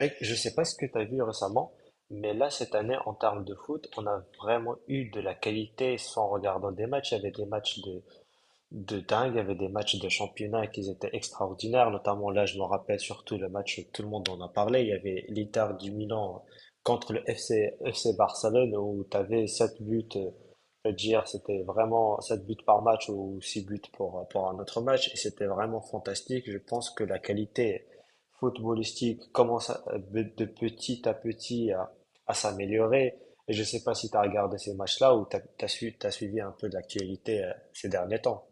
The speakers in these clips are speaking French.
Mec, je sais pas ce que tu as vu récemment, mais là, cette année, en termes de foot, on a vraiment eu de la qualité. Sans regarder des matchs, il y avait des matchs de dingue. Il y avait des matchs de championnat qui étaient extraordinaires, notamment là, je me rappelle surtout le match où tout le monde en a parlé. Il y avait l'Inter du Milan contre le FC Barcelone où tu avais 7 buts, je veux dire, c'était vraiment 7 buts par match ou 6 buts pour un autre match. Et c'était vraiment fantastique. Je pense que la qualité footballistique commence à- de petit à petit à s'améliorer. Et je sais pas si tu as regardé ces matchs-là ou tu as suivi un peu de l'actualité ces derniers temps.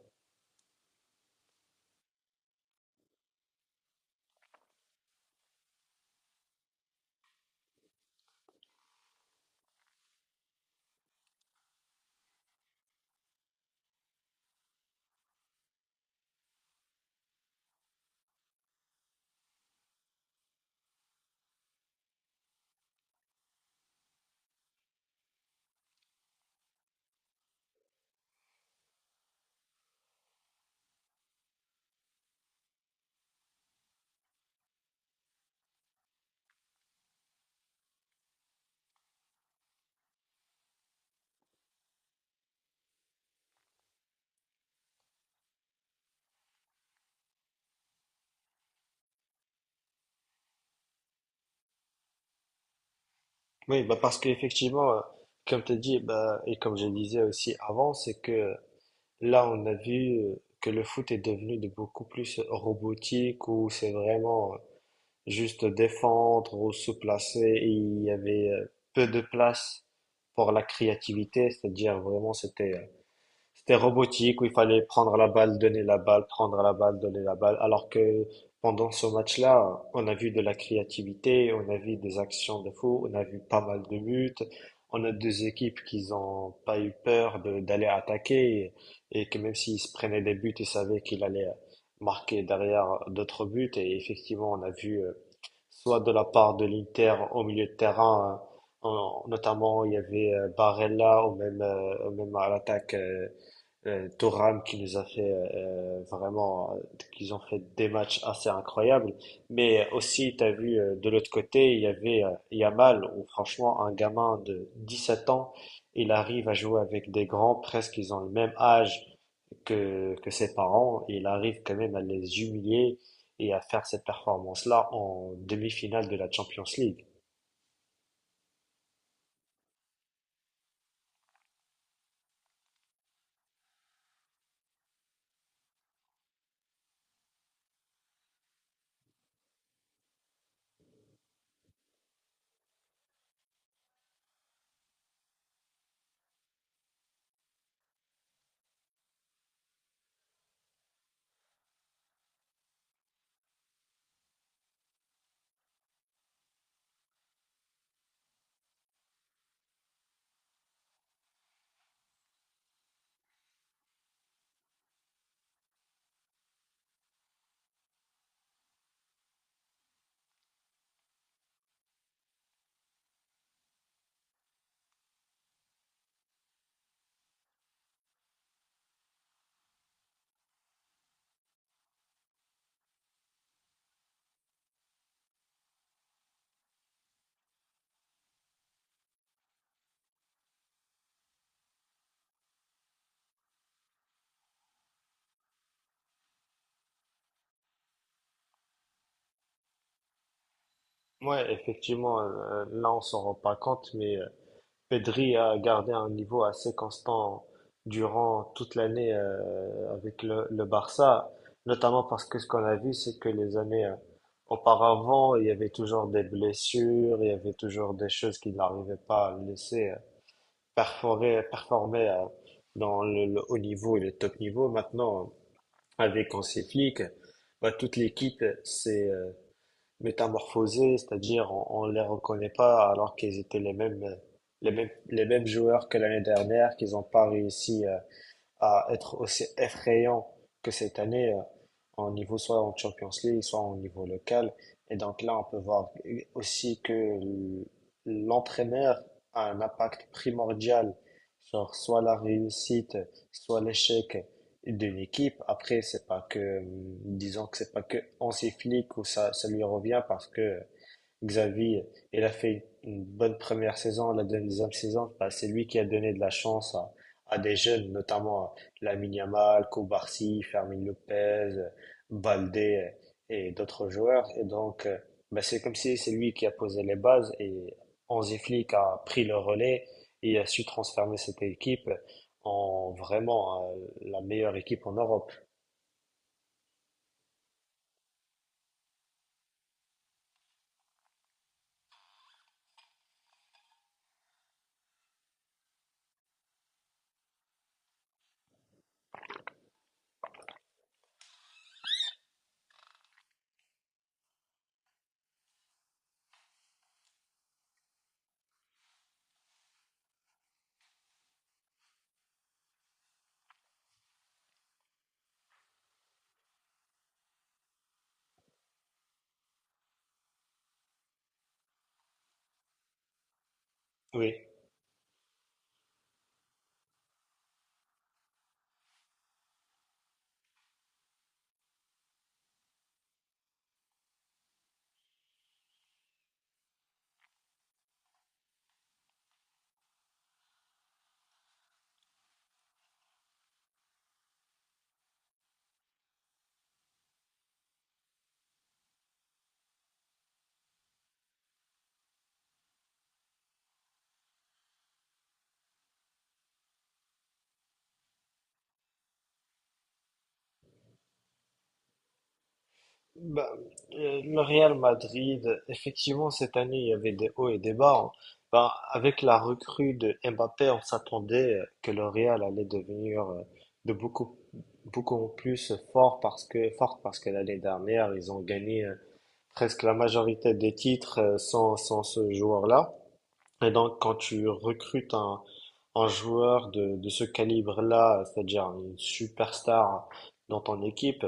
Oui, bah parce qu'effectivement, comme tu as dit, bah, et comme je le disais aussi avant, c'est que là, on a vu que le foot est devenu de beaucoup plus robotique, où c'est vraiment juste défendre ou se placer, et il y avait peu de place pour la créativité, c'est-à-dire vraiment c'était c'était robotique où il fallait prendre la balle, donner la balle, prendre la balle, donner la balle. Alors que pendant ce match-là, on a vu de la créativité, on a vu des actions de fou, on a vu pas mal de buts. On a deux équipes qui n'ont pas eu peur de- d'aller attaquer et que même s'ils se prenaient des buts, ils savaient qu'il allait marquer derrière d'autres buts. Et effectivement, on a vu soit de la part de l'Inter au milieu de terrain, hein, en- notamment il y avait Barella ou même à l'attaque. Thuram qui nous a fait vraiment, qu'ils ont fait des matchs assez incroyables. Mais aussi, tu as vu de l'autre côté, il y avait Yamal, où franchement, un gamin de 17 ans, il arrive à jouer avec des grands, presque ils ont le même âge que ses parents, et il arrive quand même à les humilier et à faire cette performance-là en demi-finale de la Champions League. Ouais, effectivement, là on s'en rend pas compte, mais Pedri a gardé un niveau assez constant durant toute l'année avec le Barça, notamment parce que ce qu'on a vu, c'est que les années auparavant, il y avait toujours des blessures, il y avait toujours des choses qu'il n'arrivait pas à laisser perforer, performer dans le haut niveau et le top niveau. Maintenant, avec Hansi Flick, bah, toute l'équipe s'est métamorphosés, c'est-à-dire on les reconnaît pas alors qu'ils étaient les mêmes joueurs que l'année dernière qu'ils n'ont pas réussi à être aussi effrayant que cette année en niveau soit en Champions League, soit en niveau local. Et donc là, on peut voir aussi que l- l'entraîneur a un impact primordial sur soit la réussite, soit l'échec d'une équipe. Après, c'est pas que, disons que c'est pas que Hansi Flick ou ça lui revient parce que Xavi, il a fait une bonne première saison, la deuxième saison, bah, c'est lui qui a donné de la chance à des jeunes, notamment à Lamine Yamal, Koubarsi, Fermin Lopez, Baldé et d'autres joueurs. Et donc, bah, c'est comme si c'est lui qui a posé les bases et Hansi Flick a pris le relais et a su transformer cette équipe en vraiment la meilleure équipe en Europe. Oui. Bah, le Real Madrid, effectivement, cette année, il y avait des hauts et des bas, hein. Bah, avec la recrue de Mbappé, on s'attendait que le Real allait devenir de beaucoup plus fort parce que, forte parce que l'année dernière, ils ont gagné presque la majorité des titres sans, sans ce joueur-là. Et donc, quand tu recrutes un joueur de ce calibre-là, c'est-à-dire une superstar dans ton équipe,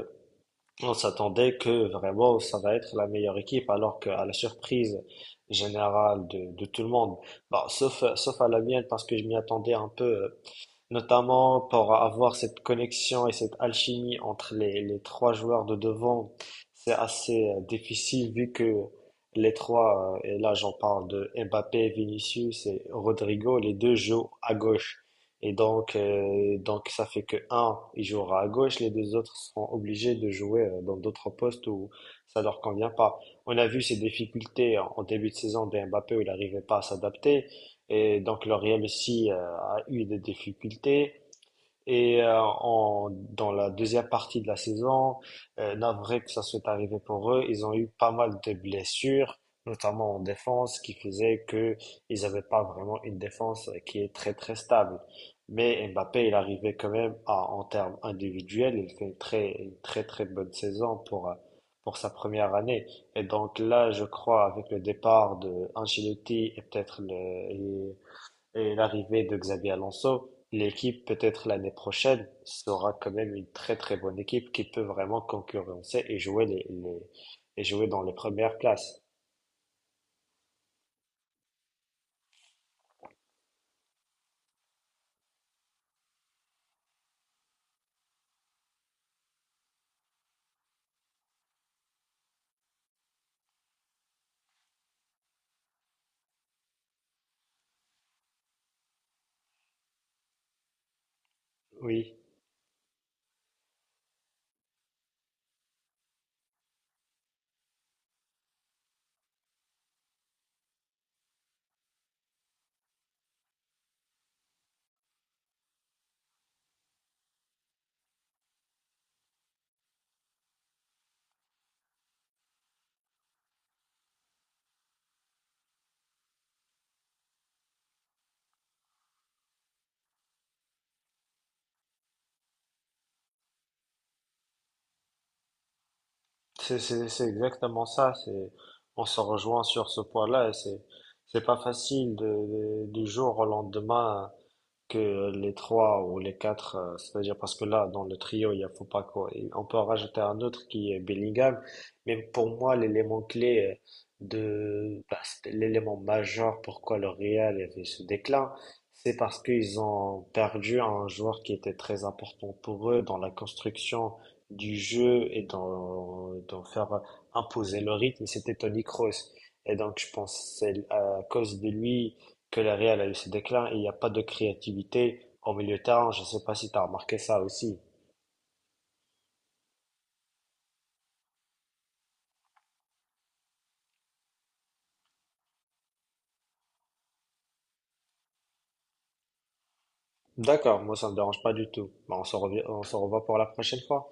on s'attendait que vraiment ça va être la meilleure équipe, alors qu'à la surprise générale de tout le monde, bah, sauf, sauf à la mienne parce que je m'y attendais un peu notamment pour avoir cette connexion et cette alchimie entre les trois joueurs de devant. C'est assez difficile vu que les trois, et là j'en parle de Mbappé, Vinicius et Rodrigo, les deux jouent à gauche. Et donc ça fait que un, il jouera à gauche, les deux autres seront obligés de jouer dans d'autres postes où ça leur convient pas. On a vu ces difficultés en en début de saison de Mbappé où il n'arrivait pas à s'adapter. Et donc L'Oréal aussi a eu des difficultés. Et en- dans la deuxième partie de la saison, navré que ça soit arrivé pour eux, ils ont eu pas mal de blessures, notamment en défense, qui faisait que ils n'avaient pas vraiment une défense qui est très très stable. Mais Mbappé, il arrivait quand même à, en termes individuels, il fait une très très bonne saison pour sa première année. Et donc là, je crois, avec le départ de Ancelotti et peut-être et l'arrivée de Xabi Alonso, l'équipe peut-être l'année prochaine sera quand même une très très bonne équipe qui peut vraiment concurrencer et jouer les- et jouer dans les premières places. Oui, c'est exactement ça. C'est on se rejoint sur ce point-là. C'est pas facile de- du jour au lendemain que les trois ou les quatre, c'est-à-dire parce que là, dans le trio, il y a faut Fopako, et on peut en rajouter un autre qui est Bellingham, mais pour moi, l'élément clé de, bah, c'était l'élément majeur pourquoi le Real avait ce déclin, c'est parce qu'ils ont perdu un joueur qui était très important pour eux dans la construction du jeu et dans, dans faire imposer le rythme, c'était Toni Kroos. Et donc, je pense que c'est à cause de lui, que le réel a eu ses déclins, et il n'y a pas de créativité au milieu de terrain. Je ne sais pas si tu as remarqué ça aussi. D'accord, moi ça me dérange pas du tout. Bah, on se revoit pour la prochaine fois.